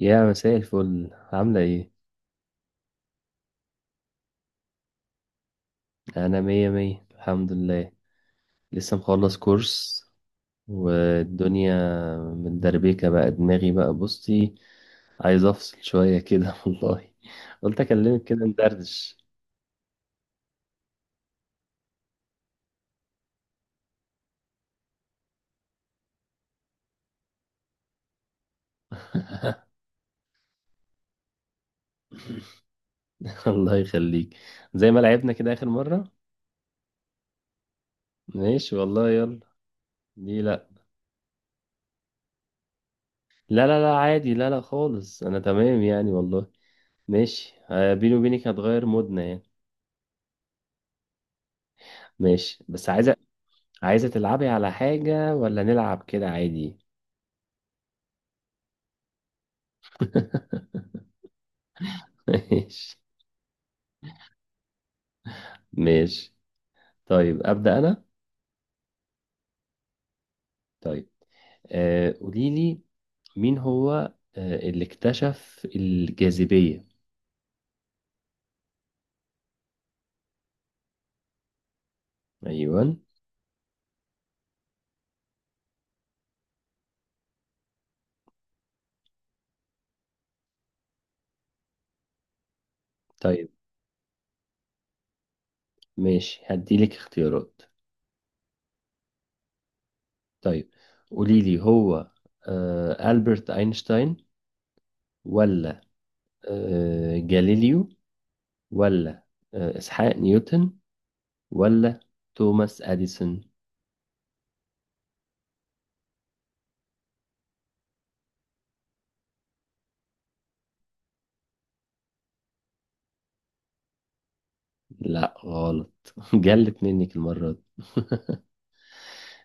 يا مساء الفل، عاملة ايه؟ أنا مية مية الحمد لله. لسه مخلص كورس، والدنيا متدربكة بقى دماغي. بقى بصي، عايز أفصل شوية كده والله. قلت أكلمك كده ندردش. الله يخليك. زي ما لعبنا كده آخر مرة؟ ماشي والله، يلا. دي لأ. لا لا لا، عادي، لا لا خالص، أنا تمام يعني والله. ماشي، بيني وبينك هتغير مودنا يعني. ماشي، بس عايز، عايزة تلعبي على حاجة ولا نلعب كده عادي؟ ماشي. ماشي، طيب أبدأ أنا. طيب قوليلي، مين هو اللي اكتشف الجاذبية؟ أيوة. طيب، ماشي هديلك اختيارات. طيب قوليلي، هو ألبرت أينشتاين، ولا جاليليو، ولا إسحاق نيوتن، ولا توماس أديسون؟ لا غلط، جلت منك المرة دي.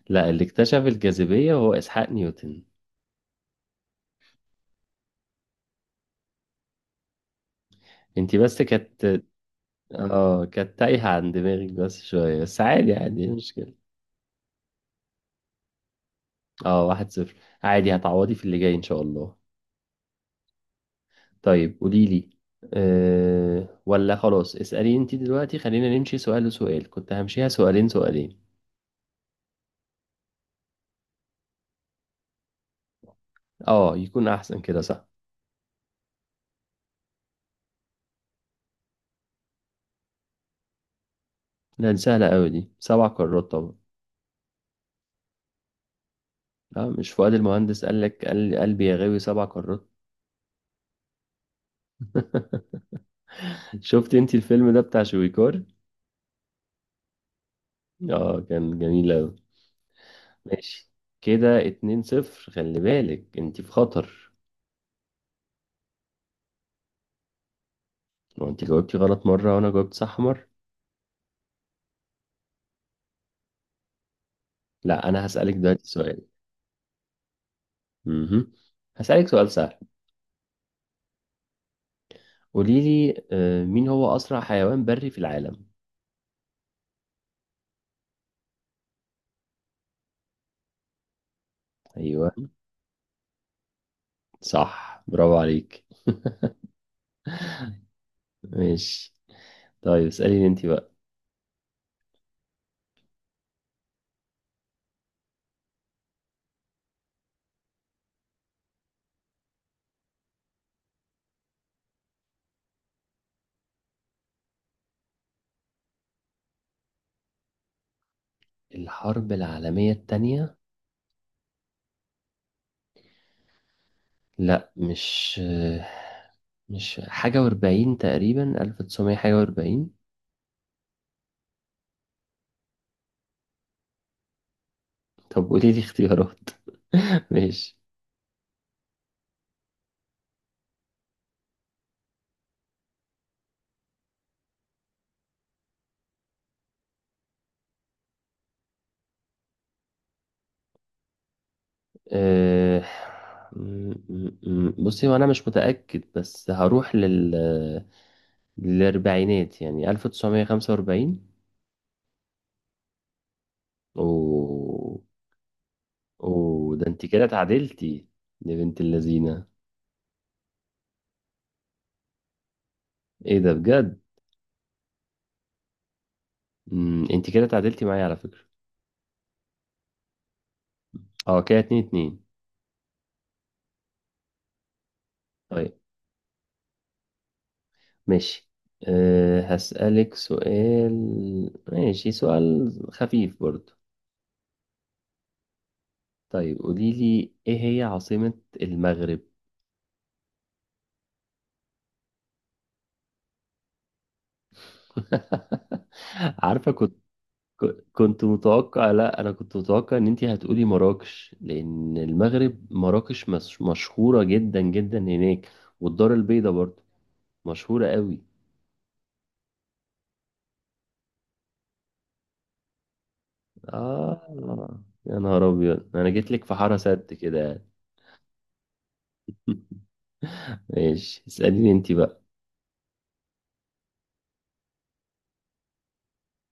لا، اللي اكتشف الجاذبية هو إسحاق نيوتن. انتي بس كانت، اه كانت تايهة عن دماغك بس شوية، بس عادي عادي مش مشكلة. اه، واحد صفر. عادي، هتعوضي في اللي جاي إن شاء الله. طيب قوليلي، أه ولا خلاص اسألي انتي دلوقتي. خلينا نمشي سؤال لسؤال، كنت همشيها سؤالين سؤالين. اه يكون أحسن كده، صح. لا دي سهلة أوي، دي سبع قارات طبعا. لا، مش فؤاد المهندس قال لك، قال قلبي يا غاوي سبع قارات؟ شفت انتي الفيلم ده بتاع شويكار؟ اه، كان جميل أوي. ماشي. كده اتنين صفر، خلي بالك انت في خطر. لو انت جاوبتي غلط مرة وانا جاوبت صح مرة. لا انا هسألك دلوقتي سؤال. امم هسألك سؤال سهل. قولي لي، مين هو اسرع حيوان بري في العالم؟ ايوه، صح، برافو عليك. ماشي، طيب اسأليني انت بقى. الحرب العالمية التانية؟ لا، مش حاجة واربعين، تقريبا ألف تسعمية حاجة واربعين. طب قولي لي اختيارات. ماشي. أه... بصي، وانا مش متأكد بس هروح لل، للأربعينات، يعني 1945. و... و ده انت كده اتعادلتي، يا بنت اللذينة. ايه ده بجد؟ م، انت كده اتعادلتي معايا على فكرة. اه، كده اتنين اتنين. طيب ماشي، أه هسألك سؤال، ماشي سؤال خفيف برضو. طيب قولي لي، ايه هي عاصمة المغرب؟ عارفة. كنت متوقع، لا انا كنت متوقع ان انتي هتقولي مراكش، لان المغرب مراكش مش مشهورة جدا جدا هناك، والدار البيضاء برضو مشهورة قوي. اه يا نهار ابيض، انا جيت لك في حارة سد كده يعني. ماشي، اسأليني انتي بقى.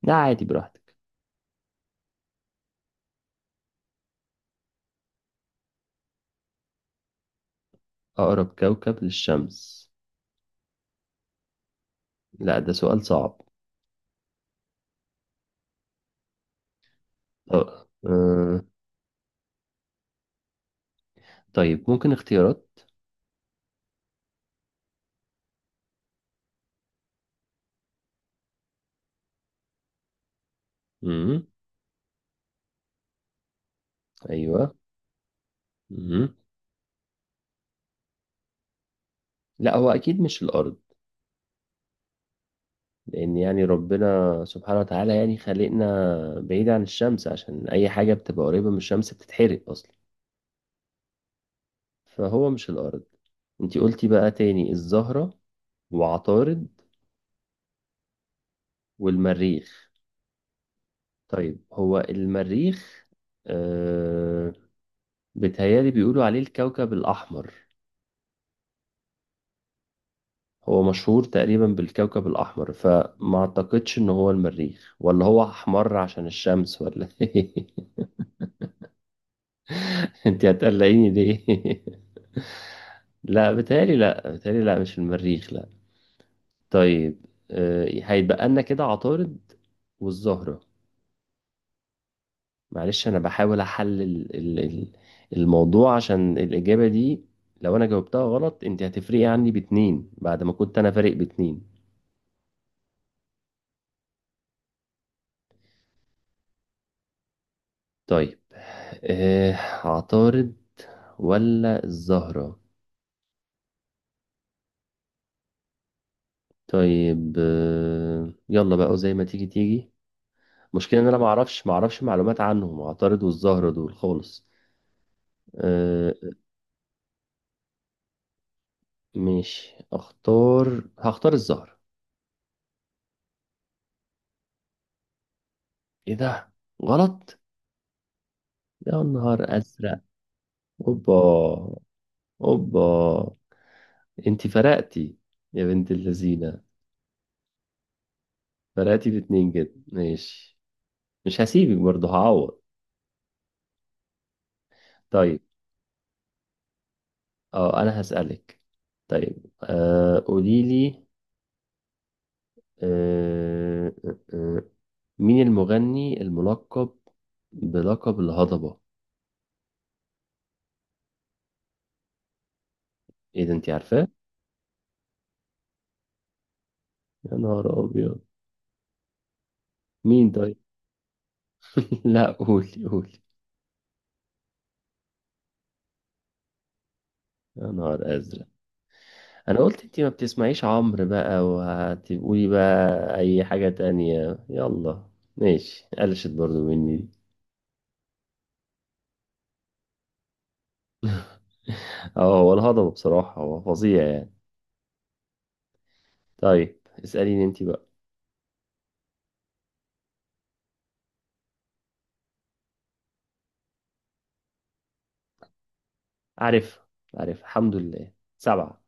لا عادي، براحتك. اقرب كوكب للشمس؟ لا ده سؤال صعب. اه طيب ممكن اختيارات؟ امم ايوه، امم لا هو اكيد مش الارض، لأن يعني ربنا سبحانه وتعالى يعني خلقنا بعيد عن الشمس، عشان أي حاجة بتبقى قريبة من الشمس بتتحرق أصلا، فهو مش الأرض. انتي قلتي بقى تاني الزهرة وعطارد والمريخ. طيب، هو المريخ، آه بيتهيألي بيقولوا عليه الكوكب الأحمر، هو مشهور تقريبا بالكوكب الأحمر، فما أعتقدش إن هو المريخ، ولا هو أحمر عشان الشمس، ولا إيه؟ انتي هتقلقيني ليه؟ لا بتهيألي، لا بتهيألي، لا مش في المريخ لا. طيب هيتبقى لنا كده عطارد والزهرة. معلش، أنا بحاول أحلل الموضوع عشان الإجابة دي. لو أنا جاوبتها غلط أنت هتفرقي عني باتنين، بعد ما كنت أنا فارق باتنين. طيب آه، عطارد ولا الزهرة؟ طيب يلا بقى زي ما تيجي تيجي. مشكلة إن أنا معرفش معلومات عنهم، عطارد والزهرة دول خالص. آه، مش اختار، هختار الزهر. ايه ده؟ غلط؟ يا نهار ازرق. اوبا، اوبا. انتي فرقتي، يا بنت اللذينه، فرقتي باتنين، جدا ماشي، مش هسيبك برضه، هعوض. طيب، اه انا هسألك. طيب قولي لي، آه آه آه، مين المغني الملقب بلقب الهضبة؟ ايه ده، انتي عارفاه؟ يا نهار ابيض. مين طيب؟ لا قولي، قولي. يا نهار أزرق. أنا قلت أنتي ما بتسمعيش عمرو بقى وهتقولي بقى أي حاجة تانية، يلا. ماشي، قلشت برضو مني دي. اه، هو الهضبة بصراحة هو فظيع يعني. طيب اسأليني أنتي بقى. عارف، عارف الحمد لله، سبعة.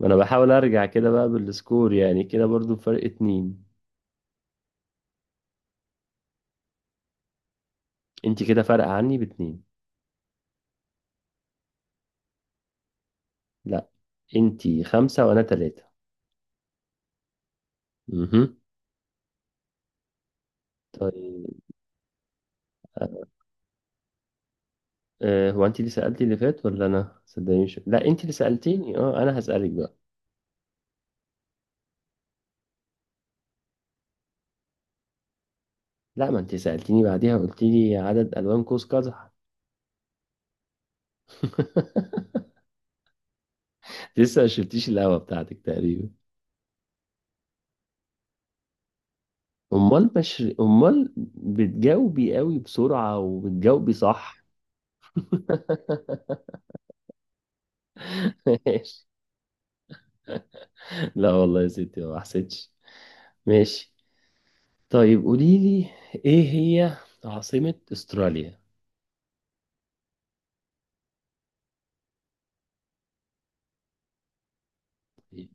ما أنا بحاول أرجع كده بقى بالسكور، يعني كده برضو فرق اتنين. أنتي كده فارقة عني باتنين. لا، أنتي خمسة وأنا تلاتة. مهم. طيب هو انت اللي سألتي اللي فات ولا انا؟ صدقني مش، لا انت اللي سألتيني. اه انا هسألك بقى. لا، ما انت سألتيني بعديها، قلت لي عدد الوان قوس قزح. لسه ما شربتيش القهوة بتاعتك تقريبا. امال، مش امال بتجاوبي قوي بسرعة وبتجاوبي صح. ماشي. لا والله يا ستي ما حسيتش. ماشي، طيب قولي لي، ايه هي عاصمة استراليا؟ طيب.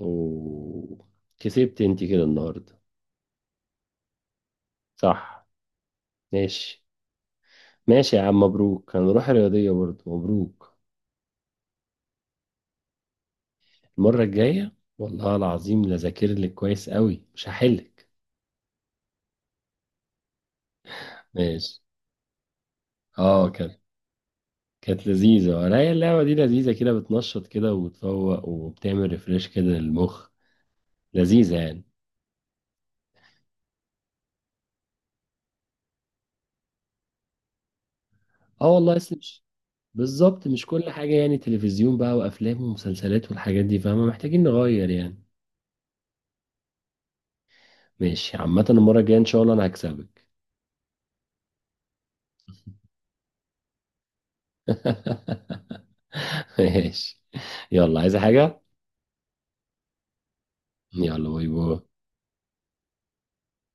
اوه، كسبت انت كده النهارده. صح. ماشي، ماشي يا عم، مبروك، هنروح الرياضية برضه، مبروك. المرة الجاية والله العظيم لا ذاكر لك كويس قوي، مش هحلك. ماشي، اه كانت، كانت لذيذة. ولا هي اللعبة دي لذيذة كده، بتنشط كده وبتفوق وبتعمل ريفريش كده للمخ، لذيذة يعني. اه والله، اصل مش، بالظبط، مش كل حاجة يعني تلفزيون بقى وأفلام ومسلسلات والحاجات دي، فاهمة، محتاجين نغير يعني. ماشي، عامة المرة الجاية إن شاء الله أنا هكسبك. ماشي. يلا، عايزة حاجة؟ يلا، باي باي.